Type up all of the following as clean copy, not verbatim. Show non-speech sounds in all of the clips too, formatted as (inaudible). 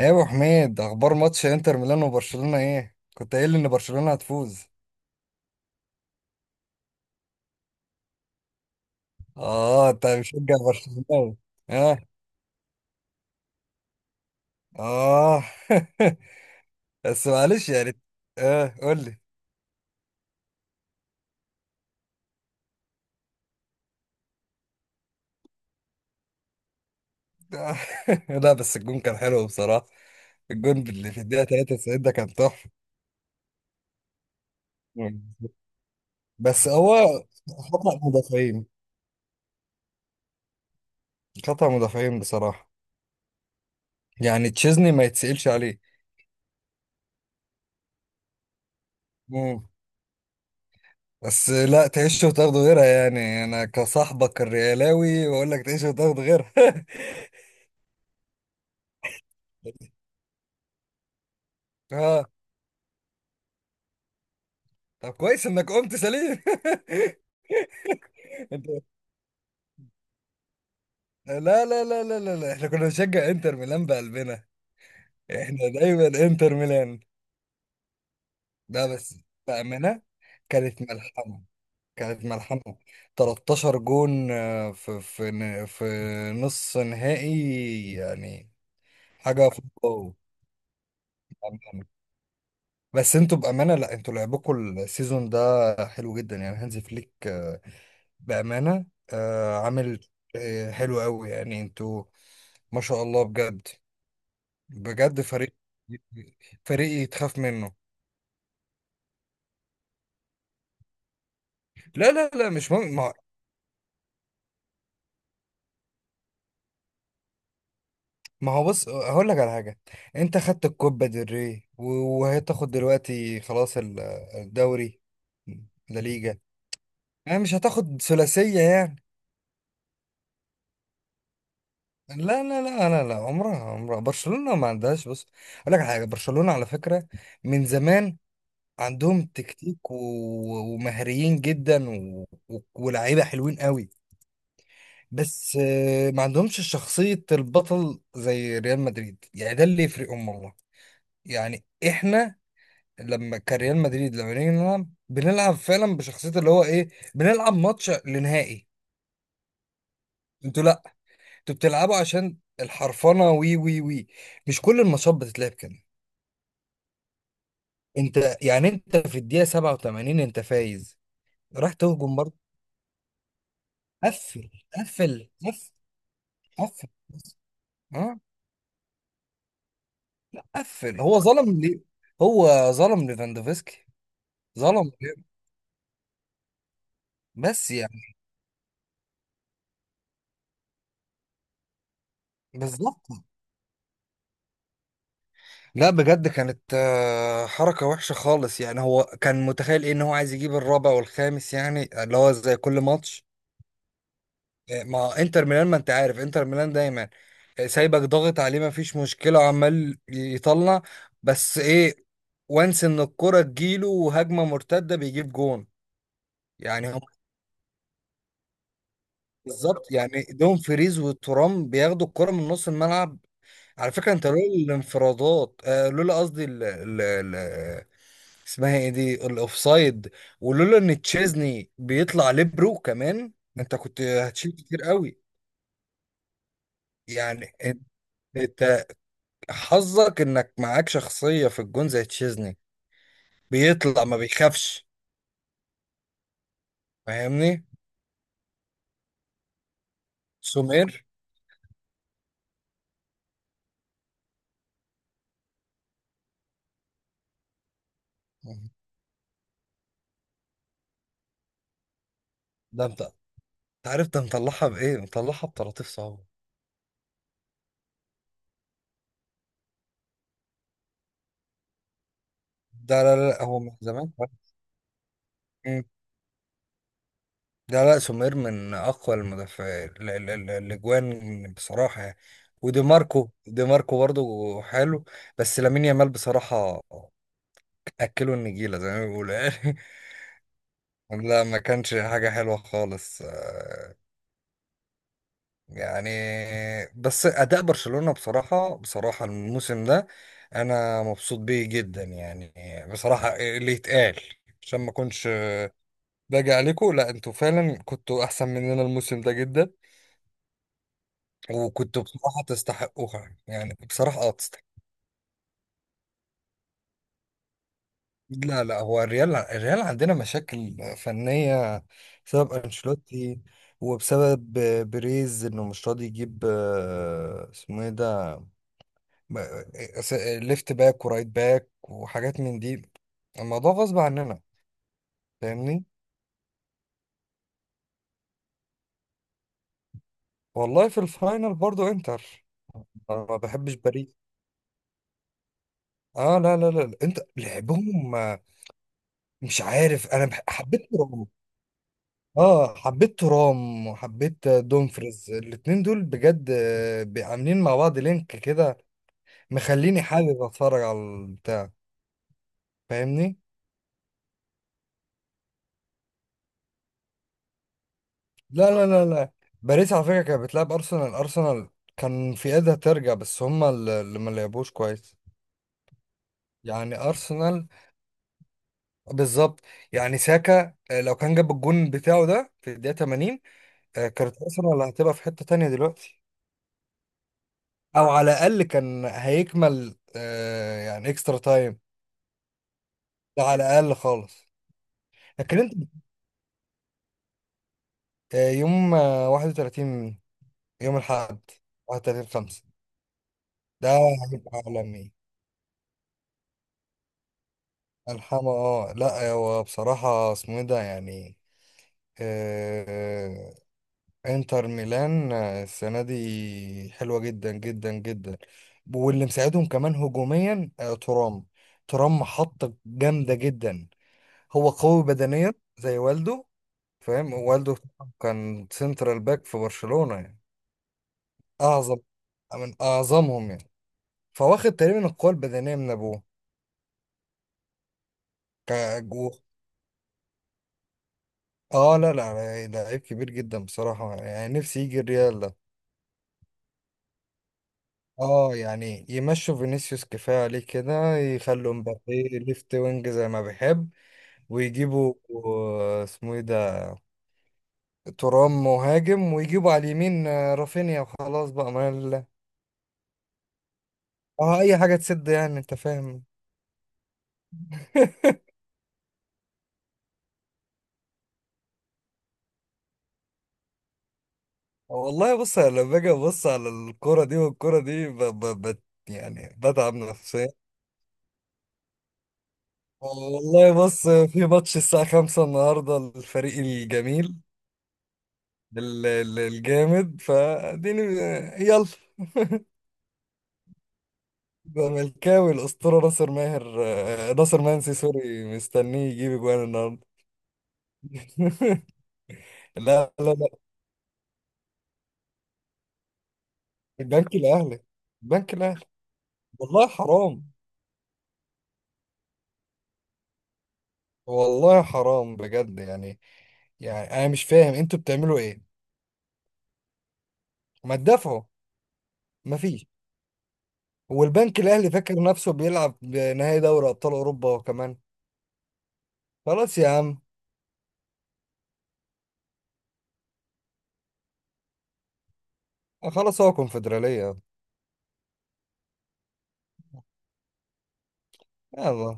ايه يا ابو حميد، اخبار ماتش انتر ميلان وبرشلونه؟ ايه كنت قايل لي ان برشلونه هتفوز. اه، انت مشجع برشلونه؟ اه اه (laughs) بس معلش يعني. اه قول لي. آه. (laughs) لا بس الجون كان حلو بصراحه. الجون اللي في الدقيقه 93 ده كان تحفه. بس هو خطأ مدافعين. خطأ مدافعين بصراحه. يعني تشيزني ما يتسألش عليه. مم. بس لا تعيش وتاخد غيرها، يعني انا كصاحبك الريالاوي بقول لك تعيش وتاخد غيرها. (laughs) اه طب كويس انك قمت سليم. (laughs) انت. لا لا لا لا لا لا، احنا كنا بنشجع انتر ميلان بقلبنا. احنا دايما انتر ميلان. ده بس بأمانة. كانت ملحمة. كانت ملحمة. 13 جون، في في نص نهائي يعني. حاجة فوق الواو. بأمانة. بس انتوا بأمانة، لا انتوا لعبكم السيزون ده حلو جدا. يعني هانزي فليك، بأمانة، عامل، حلو قوي. يعني انتوا ما شاء الله بجد. بجد فريق. فريق تخاف منه. لا لا لا مش مهم. ما ما هو بص هقول لك على حاجة. انت خدت الكوبا ديل ري وهتاخد دلوقتي خلاص الدوري. لا، ليجا. يعني مش هتاخد ثلاثية يعني. لا لا لا لا لا، عمرها عمرها برشلونة ما عندهاش. بص اقول لك على حاجة، برشلونة على فكرة من زمان عندهم تكتيك ومهريين جدا، ولاعيبه حلوين قوي. بس ما عندهمش شخصية البطل زي ريال مدريد، يعني ده اللي يفرقهم والله. يعني احنا لما كريال مدريد لما نيجي نلعب بنلعب فعلا بشخصية، اللي هو ايه، بنلعب ماتش لنهائي. انتوا لا، انتوا بتلعبوا عشان الحرفنة، وي وي وي. مش كل الماتشات بتتلعب كده. انت يعني انت في الدقيقة 87 انت فايز، راح تهجم برضه. قفل قفل قفل قفل بس. اه قفل. هو ظلم ليه؟ هو ظلم لفاندوفسكي. ظلم ليه؟ بس يعني بالظبط. لا بجد كانت حركة وحشة خالص. يعني هو كان متخيل ايه، ان هو عايز يجيب الرابع والخامس يعني، اللي هو زي كل ماتش مع انتر ميلان. ما انت عارف انتر ميلان دايما سايبك ضاغط عليه، ما فيش مشكلة، عمال يطلع. بس ايه، وانس ان الكرة تجيله، وهجمة مرتدة بيجيب جون. يعني بالظبط، يعني دوم فريز وترام بياخدوا الكرة من نص الملعب. على فكرة انت لولا الانفرادات، آه لولا قصدي ال ال ال اسمها ايه دي، الاوفسايد، ولولا ان تشيزني بيطلع ليبرو كمان، انت كنت هتشيل كتير قوي. يعني انت، انت، حظك انك معاك شخصية في الجون زي تشيزني، بيطلع ما بيخافش. فاهمني؟ سومير. ده انت، انت عارف ده مطلعها بايه، مطلعها بطراطيف صعبة. ده لا لا لا، هو من زمان. ده لا، سومير من اقوى المدافعين الاجوان بصراحه يعني. ودي ماركو، دي ماركو برضه حلو. بس لامين يامال بصراحه، اكله النجيله زي ما بيقولوا يعني. (laughs) لا ما كانش حاجه حلوه خالص يعني. بس اداء برشلونه بصراحه، بصراحه الموسم ده انا مبسوط بيه جدا يعني. بصراحه اللي يتقال، عشان ما اكونش باجي عليكم، لا انتوا فعلا كنتوا احسن مننا الموسم ده جدا. وكنت بصراحة تستحقوها، يعني بصراحة اه تستحق. لا لا، هو الريال، الريال عندنا مشاكل فنية بسبب أنشيلوتي وبسبب بيريز، إنه مش راضي يجيب اسمه إيه ده، ب- س- ليفت باك ورايت باك وحاجات من دي. الموضوع غصب عننا. فاهمني؟ والله في الفاينل برضو انتر. أنا ما بحبش باريس. اه لا لا لا، انت لعبهم مش عارف، انا حبيت. اه حبيت ترام وحبيت دومفريز، الاتنين دول بجد، عاملين مع بعض لينك كده، مخليني حابب اتفرج على البتاع. فاهمني؟ لا لا لا لا. باريس على فكرة كانت بتلعب ارسنال، ارسنال كان في ايدها ترجع، بس هما اللي ما لعبوش كويس. يعني ارسنال، بالظبط. يعني ساكا، لو كان جاب الجون بتاعه ده في الدقيقة 80، كانت ارسنال هتبقى في حتة تانية دلوقتي. او على الاقل كان هيكمل يعني اكسترا تايم. ده على الاقل خالص. لكن انت يوم 31، يوم الاحد 31 5. ده هيبقى عالمي. الحما، اه لا، هو بصراحة اسمه ايه ده يعني، آه، انتر ميلان السنة دي حلوة جدا جدا جدا. واللي مساعدهم كمان هجوميا ترام. ترام محطة جامدة جدا. هو قوي بدنيا زي والده. فاهم والده؟ كان سنترال باك في برشلونة يعني. اعظم، من اعظمهم يعني. فواخد تقريبا القوة البدنية من ابوه كجوه. اه لا لا، ده عيب كبير جدا بصراحة، يعني نفسي يجي الريال ده. اه يعني يمشوا فينيسيوس كفاية عليه كده، يخلوا مبابي ليفت وينج زي ما بيحب، ويجيبوا اسمه ايه ده، ترام مهاجم، ويجيبوا على اليمين رافينيا. وخلاص بقى، ما اه، اي حاجة تسد يعني، انت فاهم. (laughs) والله بص، أنا لما باجي ابص على الكرة دي، والكرة دي يعني بتعب نفسيا. والله بص، في ماتش الساعة خمسة النهاردة، الفريق الجميل، الجامد فاديني. يلا. زملكاوي الأسطورة ناصر ماهر، ناصر منسي، سوري مستنيه يجيب اجوان النهاردة. (laughs) لا لا لا، البنك الأهلي، البنك الأهلي. والله حرام. والله حرام بجد يعني. يعني أنا مش فاهم أنتوا بتعملوا إيه؟ ما تدافعوا. مفيش. والبنك الاهلي فاكر نفسه بيلعب نهائي دوري ابطال اوروبا وكمان. خلاص يا عم. خلاص، هو كونفدراليه. يلا.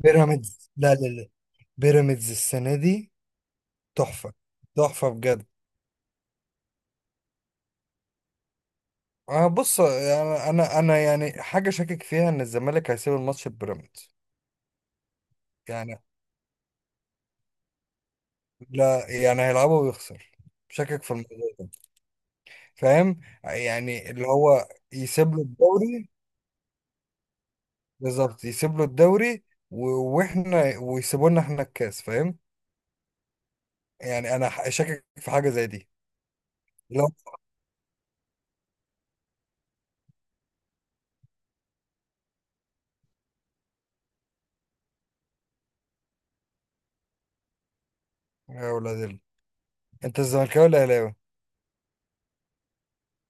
بيراميدز لا لا لا، بيراميدز السنه دي تحفه. تحفه بجد. أه بص، انا انا أنا يعني حاجه شاكك فيها، ان الزمالك هيسيب الماتش ببيراميدز. يعني لا، يعني هيلعبه ويخسر. شاكك في الموضوع ده. فاهم يعني اللي هو يسيب له الدوري. بالظبط، يسيب له الدوري و... واحنا، ويسيبوا لنا احنا الكاس. فاهم؟ يعني انا شاكك في حاجه زي دي. لا، يا ولاد انت الزملكاوي ولا اهلاوي؟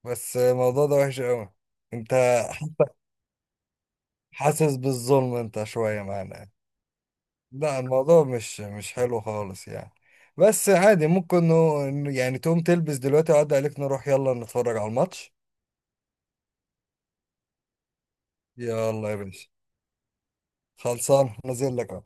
بس الموضوع ده وحش قوي. انت حتى حاسس بالظلم انت شويه معانا يعني. لا الموضوع مش حلو خالص يعني. بس عادي، ممكن يعني تقوم تلبس دلوقتي وعدي عليك نروح، يلا نتفرج على الماتش. يلا يا باشا، خلصان نازل لك اهو.